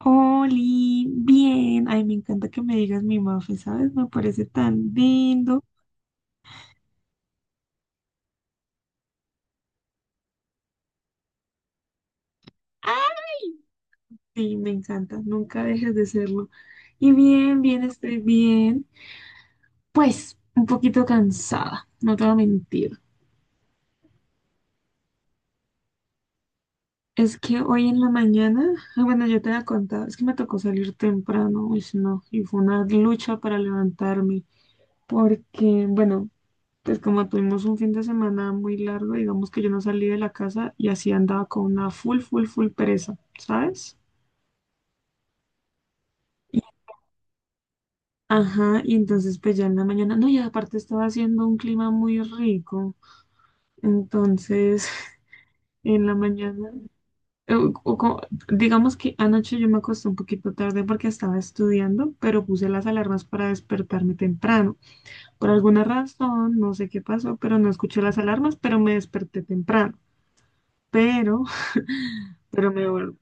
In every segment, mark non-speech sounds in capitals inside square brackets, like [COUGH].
Oli, bien. Ay, me encanta que me digas mi Mafe, ¿sabes? Me parece tan lindo. Sí, me encanta. Nunca dejes de serlo. Y bien, bien, estoy bien. Pues, un poquito cansada, no te voy a mentir. Es que hoy en la mañana, ah, bueno, yo te había contado, es que me tocó salir temprano, uy, no, y fue una lucha para levantarme, porque, bueno, entonces, como tuvimos un fin de semana muy largo, digamos que yo no salí de la casa y así andaba con una full, full, full pereza, ¿sabes? Y- ajá, y entonces pues ya en la mañana, no, y aparte estaba haciendo un clima muy rico, entonces [LAUGHS] en la mañana, eh, o co- digamos que anoche yo me acosté un poquito tarde porque estaba estudiando, pero puse las alarmas para despertarme temprano. Por alguna razón, no sé qué pasó, pero no escuché las alarmas, pero me desperté temprano. Pero [LAUGHS] pero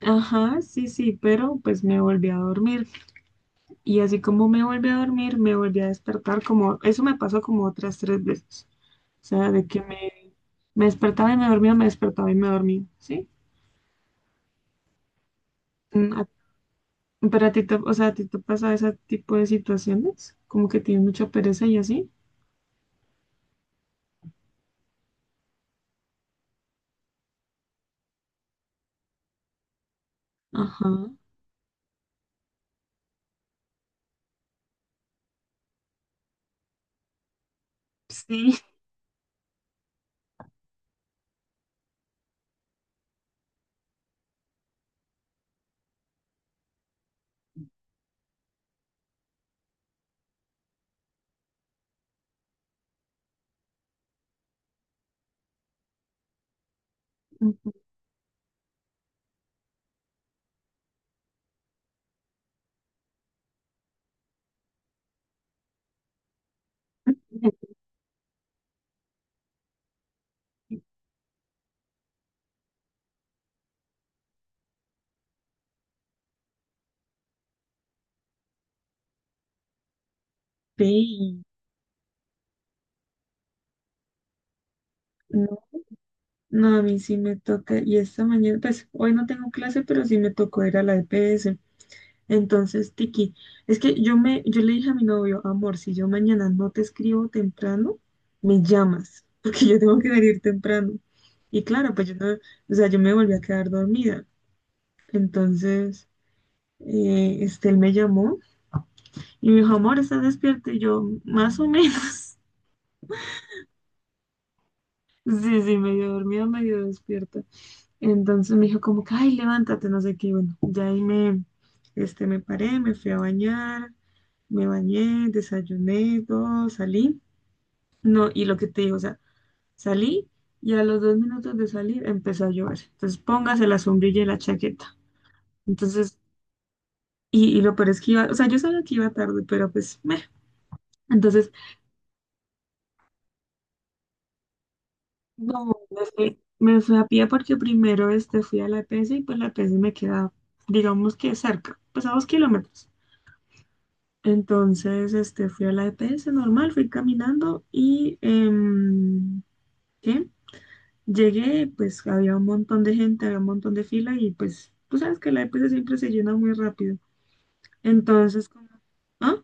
ajá, sí, sí, pero pues me volví a dormir. Y así como me volví a dormir, me volví a despertar como, eso me pasó como otras tres veces. O sea, de que me despertaba y me dormía, me despertaba y me dormía, ¿sí? Mm, a- Pero a ti te, o sea, a ti te pasa ese tipo de situaciones, como que tienes mucha pereza y así. Ajá, sí. [LAUGHS] Ujú. Sí, no, no, a mí sí me toca, y esta mañana, pues hoy no tengo clase, pero sí me tocó ir a la EPS. Entonces, Tiki, es que yo le dije a mi novio, amor, si yo mañana no te escribo temprano, me llamas, [LAUGHS] porque yo tengo que salir temprano. Y claro, pues yo no, o sea, yo me volví a quedar dormida. Entonces, este, él me llamó y me dijo, amor, ¿estás despierta? Y yo, más o menos. [LAUGHS] Sí, sí, medio dormida, medio despierta. Entonces me dijo como que, ay, levántate, no sé qué. Y bueno, ya ahí me, este, me paré, me fui a bañar, me bañé, desayuné, todo, salí. No, y lo que te digo, o sea, salí y a los 2 minutos de salir empezó a llover. Entonces póngase la sombrilla y la chaqueta. Entonces, y lo peor es que iba, o sea, yo sabía que iba tarde, pero pues, meh. Entonces, no, me fui a pie porque primero este, fui a la EPS y pues la EPS me queda, digamos que cerca, pues a 2 kilómetros. Entonces, este, fui a la EPS normal, fui caminando y ¿qué? Llegué, pues había un montón de gente, había un montón de fila y pues tú sabes que la EPS siempre se llena muy rápido. Entonces, como, ah,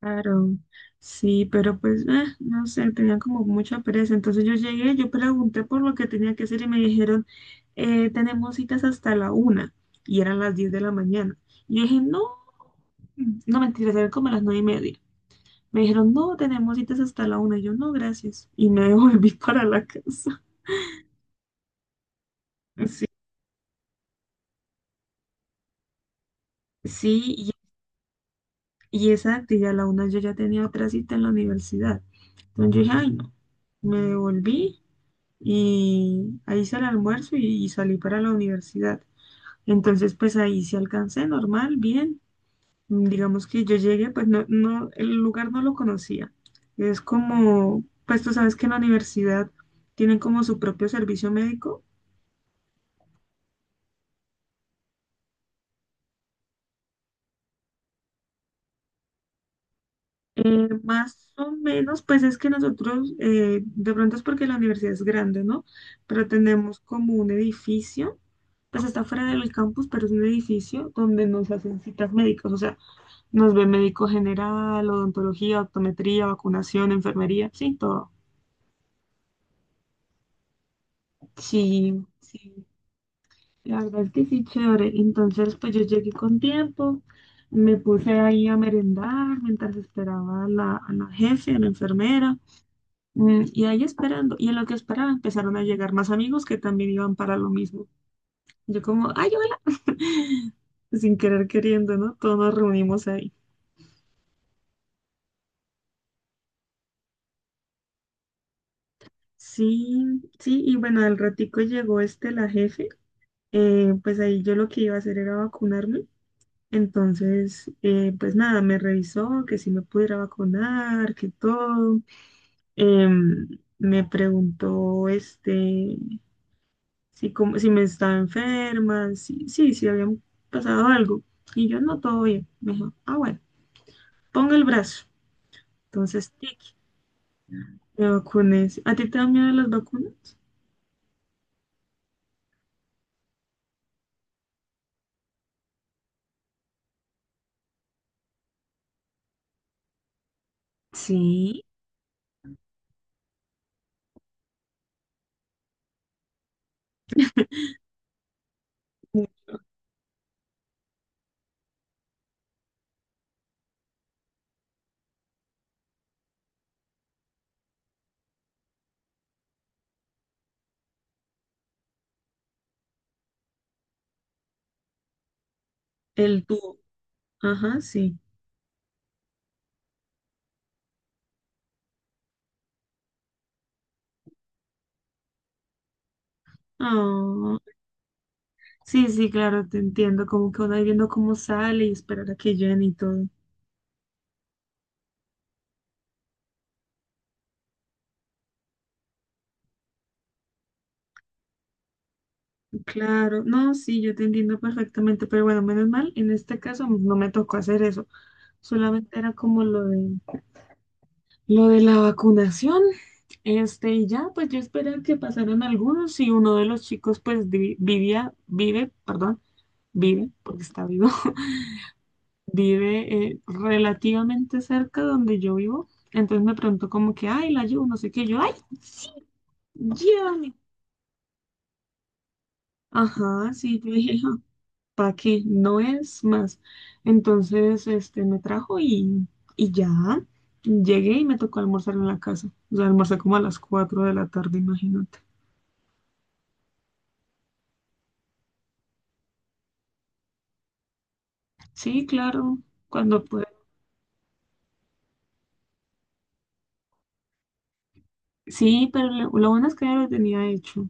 claro, sí, pero pues, no sé, tenía como mucha pereza. Entonces yo llegué, yo pregunté por lo que tenía que hacer y me dijeron, tenemos citas hasta la una y eran las 10 de la mañana. Y yo dije, no, no mentiras, eran como las 9:30. Me dijeron, no, tenemos citas hasta la una. Y yo, no, gracias. Y me volví [LAUGHS] para la casa. Sí, sí, y exacto, y a la una yo ya tenía otra cita en la universidad. Entonces yo dije, ay, no. Me devolví y ahí hice el almuerzo y salí para la universidad. Entonces, pues ahí sí alcancé, normal, bien. Digamos que yo llegué, pues no, no, el lugar no lo conocía. Es como, pues tú sabes que en la universidad tienen como su propio servicio médico. Más o menos, pues es que nosotros, de pronto es porque la universidad es grande, ¿no? Pero tenemos como un edificio, pues está fuera del campus, pero es un edificio donde nos hacen citas médicas, o sea, nos ve médico general, odontología, optometría, vacunación, enfermería, sí, todo. Sí, sí, la verdad es que sí, chévere. Entonces, pues yo llegué con tiempo, me puse ahí a merendar mientras esperaba a la jefe, a la enfermera. Y ahí esperando, y en lo que esperaba empezaron a llegar más amigos que también iban para lo mismo. Yo como, ay, hola, [LAUGHS] sin querer queriendo, ¿no? Todos nos reunimos ahí. Sí, sí, y bueno, al ratico llegó este, la jefe, pues ahí yo lo que iba a hacer era vacunarme. Entonces, pues nada, me revisó que si me pudiera vacunar, que todo. Em, me preguntó, este, si, como, si me estaba enferma, si, sí, si habían pasado algo. Y yo, no, todo bien. Me dijo, ah, bueno, ponga el brazo. Entonces, tic, me vacuné. ¿A ti te dan miedo las vacunas? Sí. El tubo. Ajá, sí. Ah, sí, sí, claro, te entiendo. Como que uno ahí viendo cómo sale y esperar a que llene y todo. Claro, no, sí, yo te entiendo perfectamente, pero bueno, menos mal, en este caso no me tocó hacer eso. Solamente era como lo de la vacunación, este, y ya, pues yo esperé que pasaran algunos y uno de los chicos, pues vivía, vive, perdón, vive, porque está vivo, [LAUGHS] vive relativamente cerca donde yo vivo. Entonces me preguntó como que, ay, la llevo, no sé qué, yo, ay, sí, llévame. Ajá, sí, yo dije, ¿para qué? No es más. Entonces, este, me trajo y ya, llegué y me tocó almorzar en la casa. O sea, almorcé como a las 4 de la tarde, imagínate. Sí, claro, cuando pude. Sí, pero lo bueno es que ya lo tenía hecho.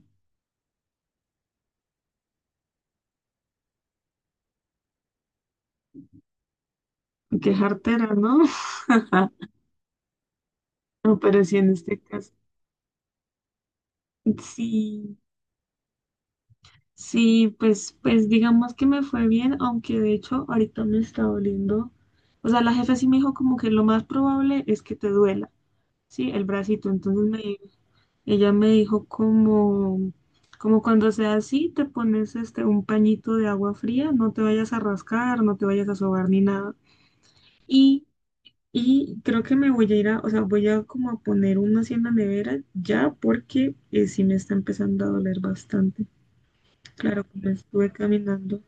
Qué jartera, ¿no? [LAUGHS] No, pero sí en este caso. Sí, sí, pues digamos que me fue bien, aunque de hecho ahorita me está doliendo. O sea, la jefa sí me dijo como que lo más probable es que te duela, sí, el bracito. Entonces ella me dijo como cuando sea así, te pones este un pañito de agua fría, no te vayas a rascar, no te vayas a sobar ni nada. Y Y creo que me voy a ir a, o sea, voy a como a poner uno así en la nevera ya porque sí me está empezando a doler bastante. Claro, como estuve caminando.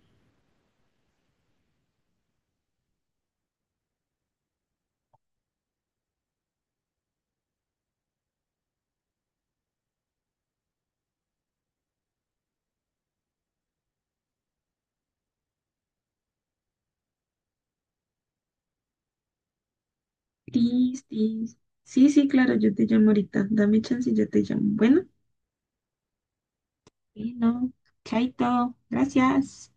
Sí, sí, sí, sí, claro, yo te llamo ahorita. Dame chance y yo te llamo. Bueno, bueno, chaito, gracias.